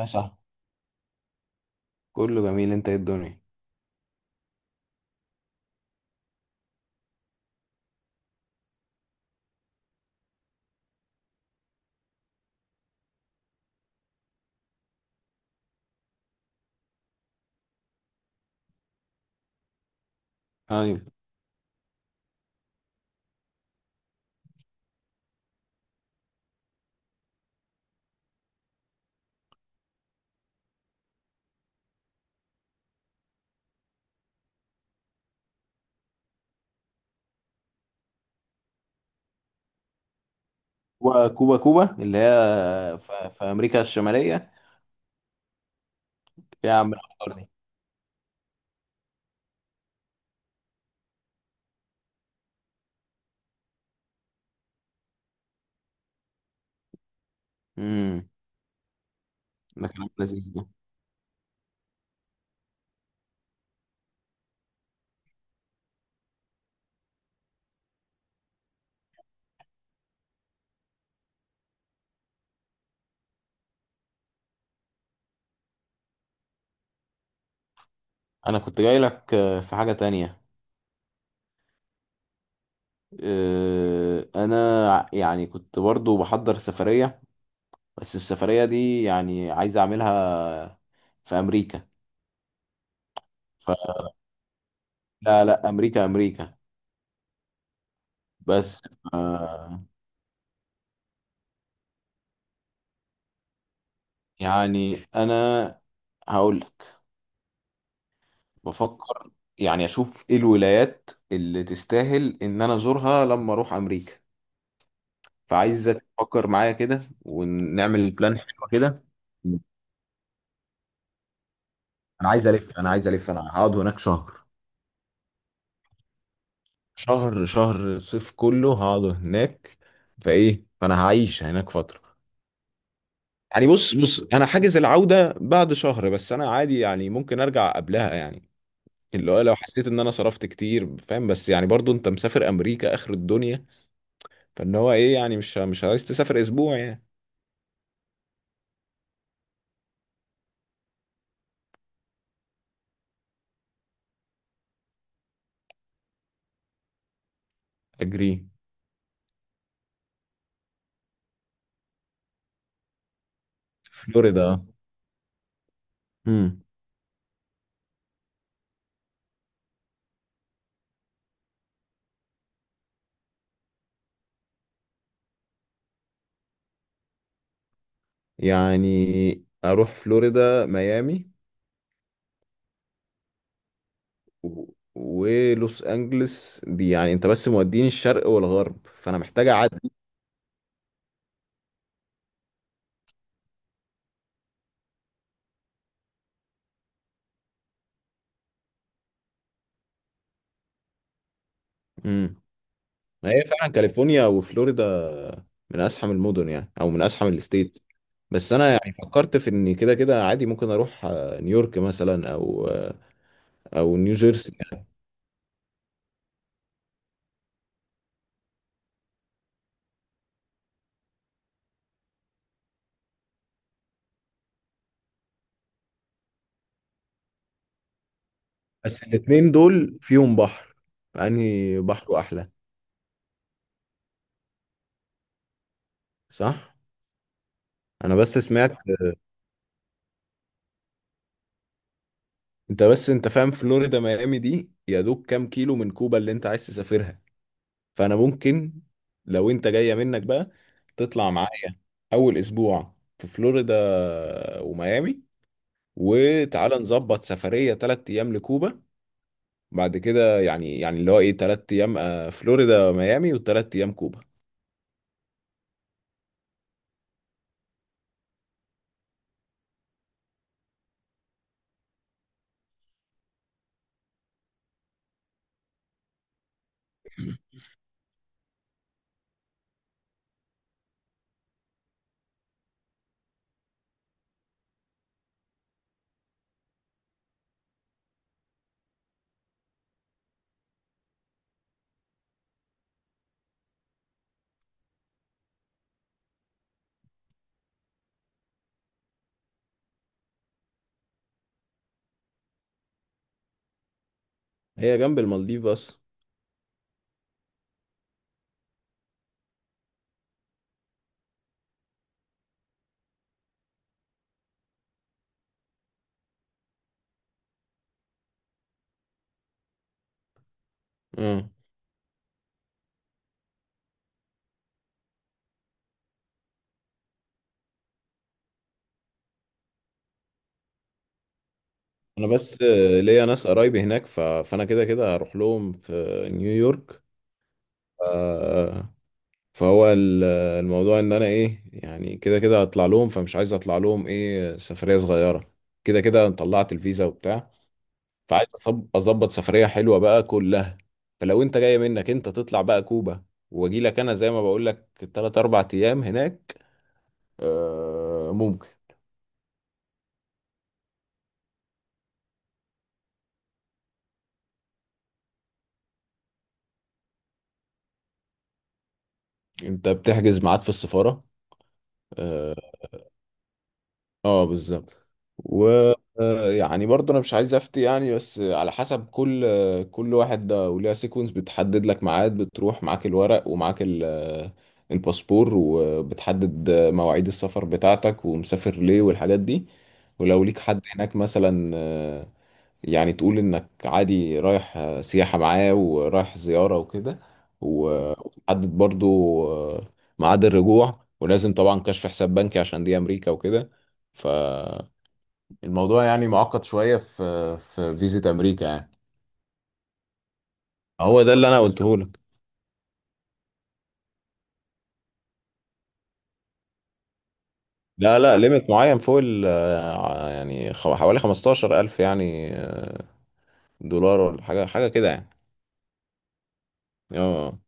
يا صاحبي، كله جميل. انت ايه الدنيا؟ ايوه. كوبا كوبا كوبا اللي هي في امريكا الشماليه. يا عم الأخضر دي. امم، ده كلام لذيذ ده. انا كنت جاي لك في حاجه تانية. انا يعني كنت برضو بحضر سفريه، بس السفريه دي يعني عايز اعملها في امريكا. فلا، لا لا، امريكا امريكا. بس آه، يعني انا هقول، بفكر يعني اشوف ايه الولايات اللي تستاهل ان انا ازورها لما اروح امريكا. فعايزك تفكر معايا كده ونعمل بلان حلو كده. انا عايز الف، انا هقعد هناك شهر. شهر، شهر الصيف كله هقعد هناك. فايه، فانا هعيش هناك فترة. يعني بص بص، انا حاجز العودة بعد شهر، بس انا عادي يعني ممكن ارجع قبلها يعني. اللي هو لو حسيت ان انا صرفت كتير، فاهم. بس يعني برضو انت مسافر امريكا، اخر الدنيا. فان هو ايه يعني؟ مش عايز تسافر اسبوع يعني. اجري. فلوريدا. امم. يعني اروح فلوريدا ميامي و... ولوس انجلس دي، يعني انت بس موديني الشرق والغرب، فانا محتاج اعدي. امم. ما هي فعلا كاليفورنيا وفلوريدا من ازحم المدن، يعني او من ازحم الستيت. بس انا يعني فكرت في ان كده كده عادي ممكن اروح نيويورك مثلا او نيوجيرسي يعني. بس الاتنين دول فيهم بحر، فانهي بحره احلى؟ صح. انا بس سمعت. انت بس انت فاهم فلوريدا ميامي دي يا دوب كام كيلو من كوبا اللي انت عايز تسافرها. فانا ممكن، لو انت جاية منك بقى، تطلع معايا اول اسبوع في فلوريدا وميامي، وتعالى نظبط سفرية تلات ايام لكوبا. بعد كده يعني اللي هو ايه، تلات ايام فلوريدا ميامي وتلات ايام كوبا. هي جنب المالديف بس. اه. انا بس ليا ناس قرايبي هناك فانا كده كده هروح لهم في نيويورك. آه، فهو الموضوع ان انا ايه، يعني كده كده هطلع لهم، فمش عايز اطلع لهم ايه سفرية صغيرة. كده كده أنا طلعت الفيزا وبتاع. فعايز اظبط سفرية حلوة بقى كلها. فلو انت جاي منك انت تطلع بقى كوبا، واجي لك انا زي ما بقول لك 3 4 ايام هناك. آه ممكن. انت بتحجز ميعاد في السفارة. آه، اه بالظبط. و يعني برضه انا مش عايز افتي يعني، بس على حسب كل كل واحد. ده وليها سيكونس، بتحدد لك ميعاد، بتروح معاك الورق ومعاك الباسبور، وبتحدد مواعيد السفر بتاعتك ومسافر ليه والحاجات دي. ولو ليك حد هناك مثلا يعني تقول انك عادي رايح سياحة معاه ورايح زيارة وكده. وتحدد برضو آه، ميعاد الرجوع. ولازم طبعا كشف حساب بنكي عشان دي امريكا وكده. فالموضوع يعني معقد شوية في فيزا امريكا يعني. هو ده اللي انا قلته لك. لا لا، ليميت معين فوق ال آه، يعني حوالي 15,000 يعني، دولار ولا حاجة، حاجة كده يعني. اه.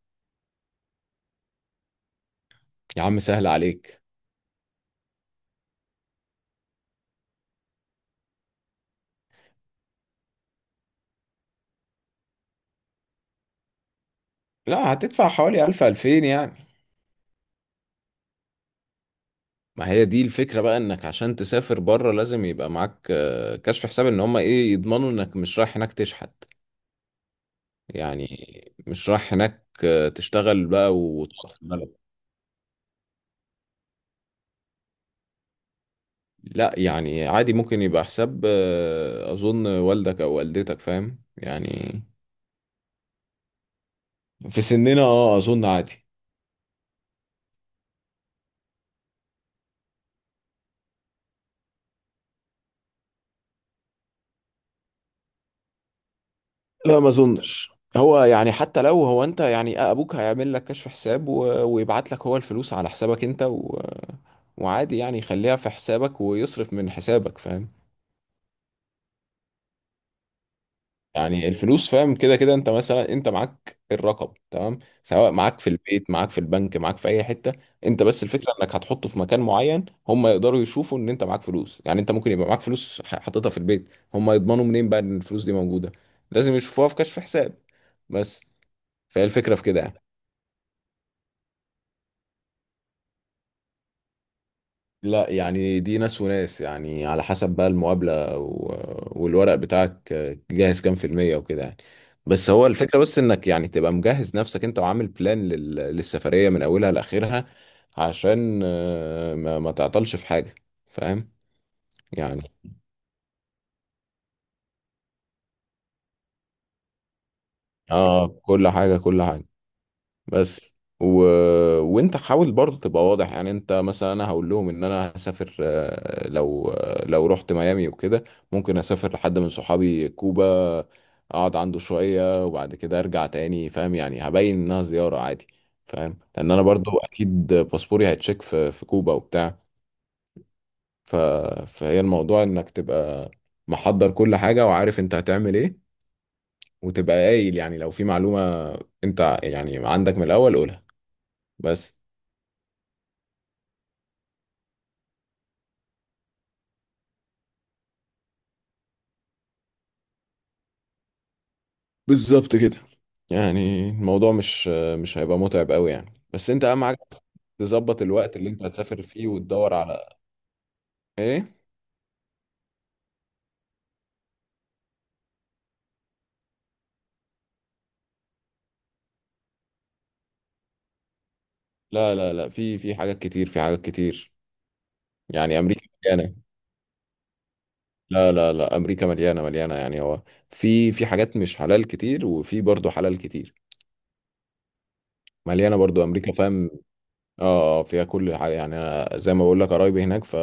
يا عم سهل عليك. لا، هتدفع حوالي 1000 2000 يعني. ما هي دي الفكرة بقى، انك عشان تسافر بره لازم يبقى معاك كشف حساب، ان هم ايه، يضمنوا انك مش رايح هناك تشحت يعني، مش رايح هناك تشتغل بقى وتقعد في البلد. لا يعني عادي، ممكن يبقى حساب اظن والدك او والدتك، فاهم يعني. في سننا اه اظن عادي. لا، ما اظنش. هو يعني حتى لو هو انت يعني ابوك هيعمل لك كشف حساب ويبعت لك هو الفلوس على حسابك انت وعادي يعني يخليها في حسابك ويصرف من حسابك، فاهم. يعني الفلوس، فاهم. كده كده انت مثلا، انت معاك الرقم تمام، سواء معاك في البيت، معاك في البنك، معاك في اي حته. انت بس الفكره انك هتحطه في مكان معين، هم يقدروا يشوفوا ان انت معاك فلوس. يعني انت ممكن يبقى معاك فلوس حاططها في البيت، هم يضمنوا منين بقى ان الفلوس دي موجوده؟ لازم يشوفوها في كشف حساب بس. فهي الفكره في كده يعني. لا يعني، دي ناس وناس يعني، على حسب بقى المقابلة والورق بتاعك جاهز كام في المية وكده يعني. بس هو الفكرة بس انك يعني تبقى مجهز نفسك، انت وعامل بلان للسفرية من اولها لاخرها، عشان ما تعطلش في حاجة، فاهم يعني. اه، كل حاجة، كل حاجة. بس وانت حاول برضه تبقى واضح، يعني انت مثلا انا هقول لهم ان انا هسافر لو لو رحت ميامي وكده ممكن اسافر لحد من صحابي كوبا، اقعد عنده شوية وبعد كده ارجع تاني، فاهم يعني. هبين انها زيارة عادي. فاهم، لان انا برضه اكيد باسبوري هيتشيك في كوبا وبتاع. ف... فهي الموضوع انك تبقى محضر كل حاجة وعارف انت هتعمل ايه، وتبقى قايل يعني لو في معلومة انت يعني عندك من الاول قولها بس. بالظبط كده. يعني الموضوع مش هيبقى متعب قوي يعني، بس انت اهم حاجه تظبط الوقت اللي انت هتسافر فيه وتدور على ايه. لا لا لا، في حاجات كتير، في حاجات كتير يعني. امريكا مليانه. لا لا لا، امريكا مليانه يعني، هو في حاجات مش حلال كتير وفي برضه حلال كتير. مليانه برضه امريكا، فاهم. اه اه، فيها كل حاجه يعني. انا زي ما بقول لك قرايبي هناك ف،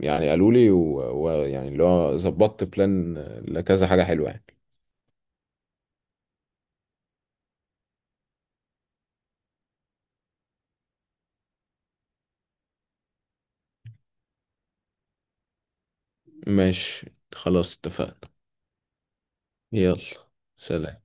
يعني قالوا لي ويعني اللي هو ظبطت بلان لكذا حاجه حلوه يعني. ماشي. خلاص اتفقنا. يلا. سلام.